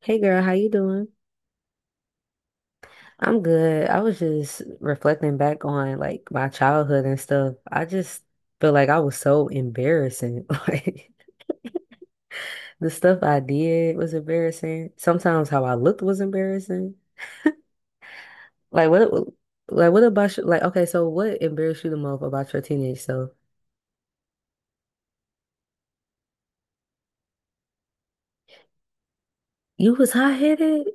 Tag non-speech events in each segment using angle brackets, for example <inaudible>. Hey girl, how you doing? I'm good. I was just reflecting back on like my childhood and stuff. I just feel like I was so embarrassing. <laughs> Like the stuff I did was embarrassing. Sometimes how I looked was embarrassing. Like what like what about you? Like okay, so what embarrassed you the most about your teenage self? You was hot-headed?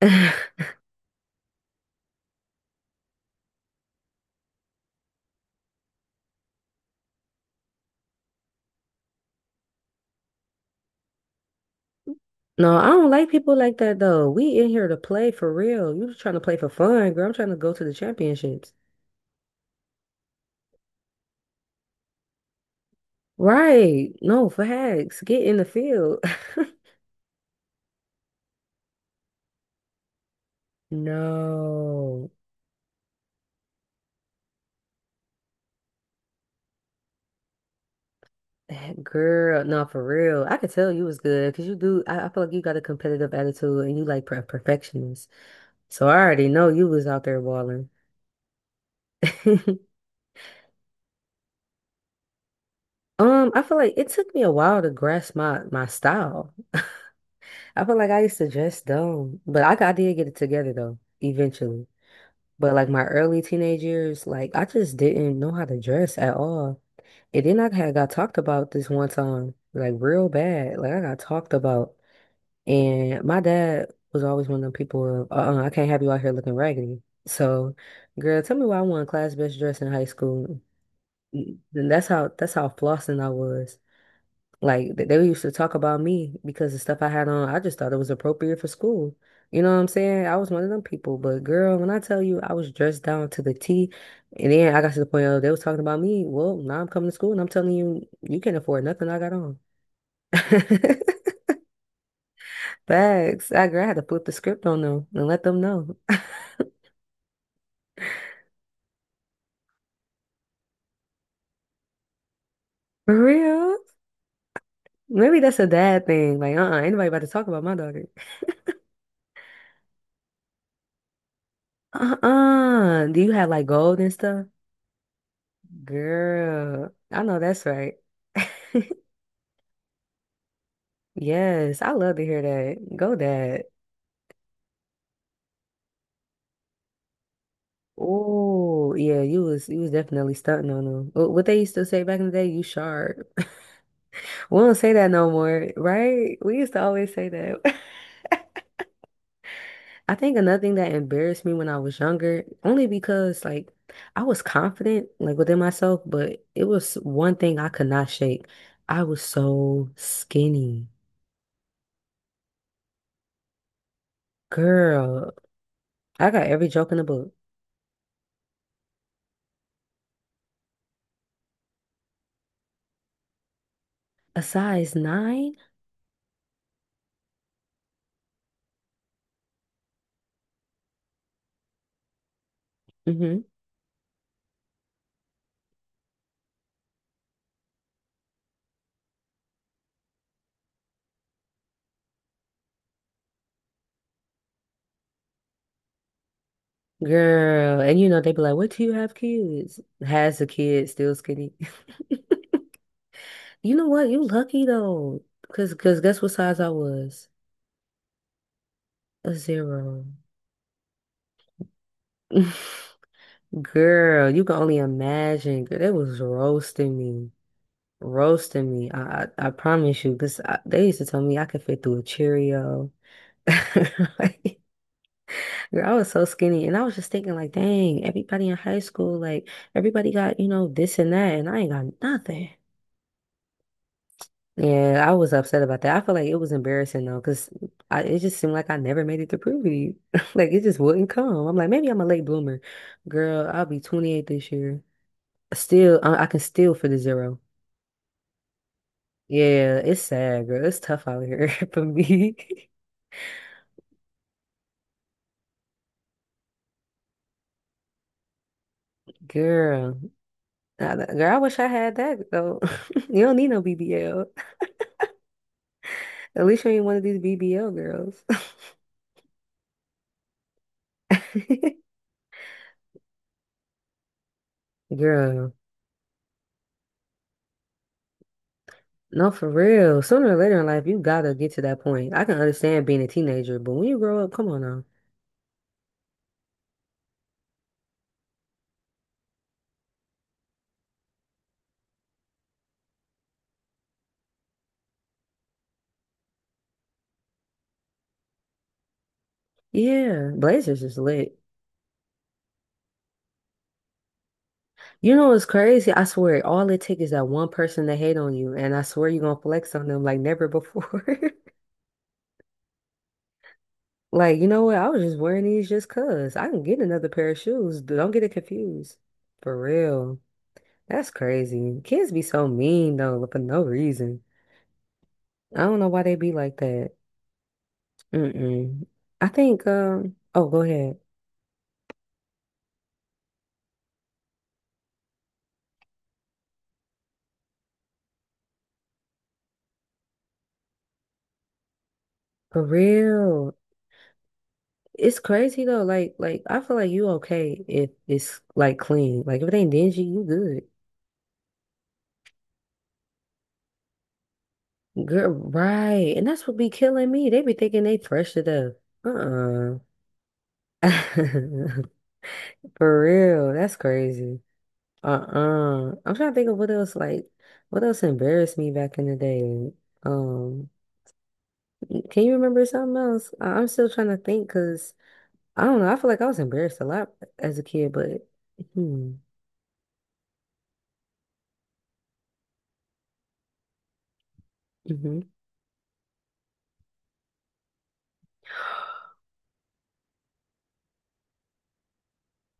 <laughs> No, I don't like people like that though. We in here to play for real. You just trying to play for fun, girl. I'm trying to go to the championships. Right. No, facts. Get in the field. <laughs> No. <laughs> Girl, no, for real. I could tell you was good because you do. I feel like you got a competitive attitude and you like perfectionist. So I already know you was out there balling. <laughs> I feel like it took me a while to grasp my style. I feel like I used to dress dumb, but I did get it together though, eventually. But like my early teenage years, like I just didn't know how to dress at all. And then I had got talked about this one time, like real bad. Like I got talked about. And my dad was always one of them people of, uh-uh, I can't have you out here looking raggedy. So, girl, tell me why I won class best dress in high school. Mm, that's how flossing I was. Like they used to talk about me because the stuff I had on, I just thought it was appropriate for school. You know what I'm saying? I was one of them people, but girl, when I tell you I was dressed down to the T, and then I got to the point of they was talking about me. Well, now I'm coming to school and I'm telling you, you can't afford nothing I got on. <laughs> Facts. I, girl, I had to flip the script on them and let them know. <laughs> For real? Maybe that's a dad thing. Like, uh-uh, anybody about to talk about my daughter. <laughs> Uh-uh. Do you have like gold and stuff? Girl, I know that's right. <laughs> Yes, I love to hear that. Go dad. Oh, yeah, you was definitely stunting on them. What they used to say back in the day, you sharp. <laughs> We don't say that no more, right? We used to always say that. <laughs> I think another thing that embarrassed me when I was younger, only because like I was confident like within myself, but it was one thing I could not shake. I was so skinny. Girl, I got every joke in the book. A size nine? Mm-hmm. Girl, and you know, they be like, what do you have kids? Has a kid, still skinny. <laughs> You know what? You lucky though. Cause guess what size I was? A zero. <laughs> Girl, you can only imagine. Girl, they was roasting me. Roasting me. I promise you, because they used to tell me I could fit through a Cheerio. <laughs> Girl, I was so skinny, and I was just thinking, like, dang, everybody in high school, like, everybody got, this and that, and I ain't got nothing. Yeah, I was upset about that. I feel like it was embarrassing though, because I it just seemed like I never made it to puberty. <laughs> Like it just wouldn't come. I'm like, maybe I'm a late bloomer. Girl, I'll be 28 this year. Still, I can still for the zero. Yeah, it's sad, girl. It's tough out here <laughs> for me. Girl, girl, I wish I had that though. <laughs> You don't need no BBL. At least you ain't one of these BBL girls. <laughs> Girl, no, for real. Sooner or later in life, you gotta get to that point. I can understand being a teenager, but when you grow up, come on now. Yeah, Blazers is lit. You know what's crazy? I swear, all it takes is that one person to hate on you, and I swear you're gonna flex on them like never before. <laughs> Like, you know what? I was just wearing these just 'cause. I can get another pair of shoes. Don't get it confused. For real. That's crazy. Kids be so mean though, for no reason. I don't know why they be like that. Mm-mm. I think oh go ahead. For real. It's crazy though. Like I feel like you okay if it's like clean. Like if it ain't dingy, you good. Girl, right. And that's what be killing me. They be thinking they fresh to death. Uh-uh. <laughs> For real. That's crazy. Uh-uh. I'm trying to think of what else like what else embarrassed me back in the day. Um, can you remember something else? I'm still trying to think because I don't know. I feel like I was embarrassed a lot as a kid, but hmm, hmm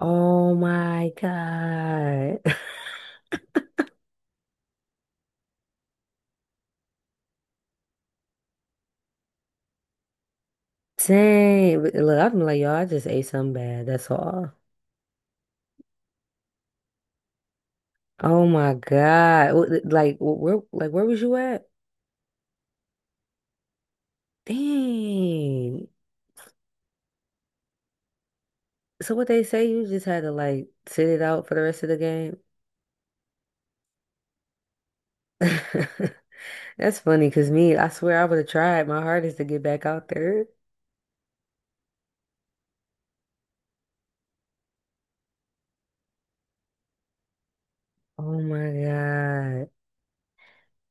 Oh my God. <laughs> Dang. But look, I've been like, y'all, I just ate something bad. That's all. Oh my God. Like, where, like, where was you at? Dang. So what they say, you just had to like sit it out for the rest of the game. <laughs> That's funny, cause me, I swear I would have tried my hardest to get back out there. Oh my God.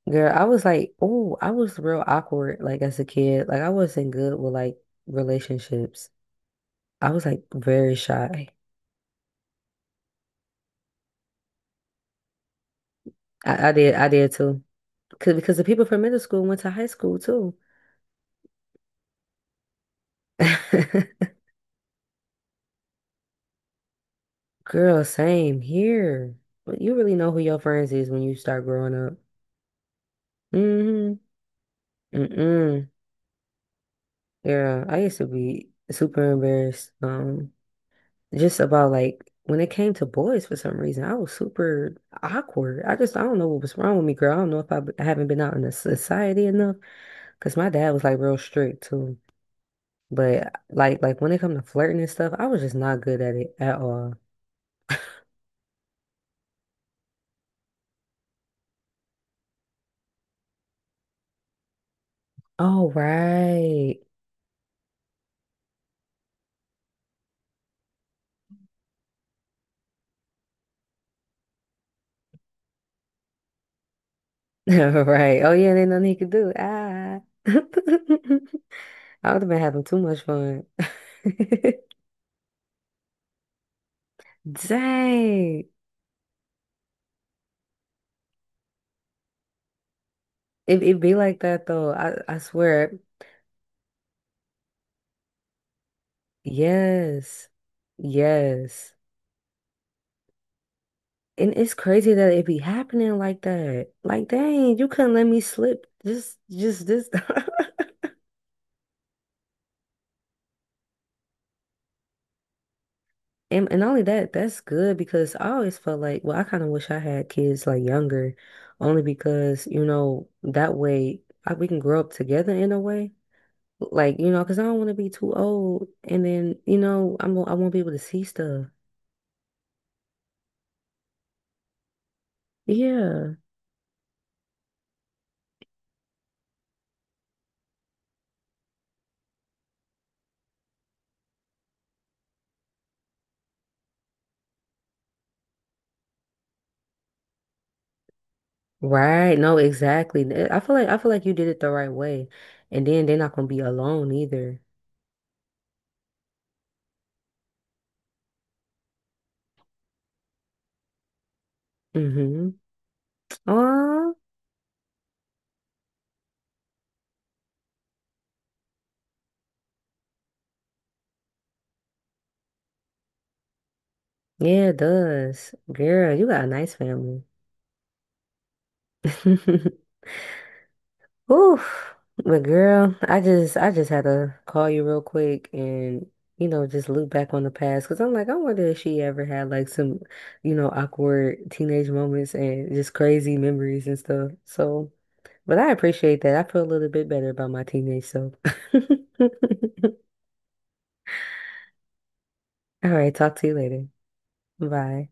Girl, I was like, oh, I was real awkward, like as a kid. Like I wasn't good with like relationships. I was like very shy. I did too. Cause because the people from middle school went to high school too. <laughs> Girl, same here. But you really know who your friends is when you start growing up. Mm-hmm. Mm-mm. Yeah, I used to be super embarrassed. Just about like when it came to boys for some reason, I was super awkward. I don't know what was wrong with me, girl. I don't know if I haven't been out in the society enough because my dad was like real strict too. But like when it come to flirting and stuff, I was just not good at it at all. Oh right, <laughs> right. Oh yeah, ain't nothing he could do. Ah. <laughs> I would have been having too much fun. <laughs> Dang. It be like that though. I swear. Yes. Yes. And it's crazy that it be happening like that. Like, dang, you couldn't let me slip just this <laughs> And not only that, that's good because I always felt like, well, I kind of wish I had kids like younger, only because, that way we can grow up together in a way. Like, because I don't want to be too old and then, I won't be able to see stuff. Yeah. Right. No, exactly. I feel like you did it the right way. And then they're not gonna be alone either. hmm Oh, yeah, it does. Girl, you got a nice family. <laughs> Oof. But girl, I just had to call you real quick and just look back on the past because I'm like I wonder if she ever had like some awkward teenage moments and just crazy memories and stuff. So, but I appreciate that. I feel a little bit better about my teenage self. <laughs> All right, talk to you later. Bye.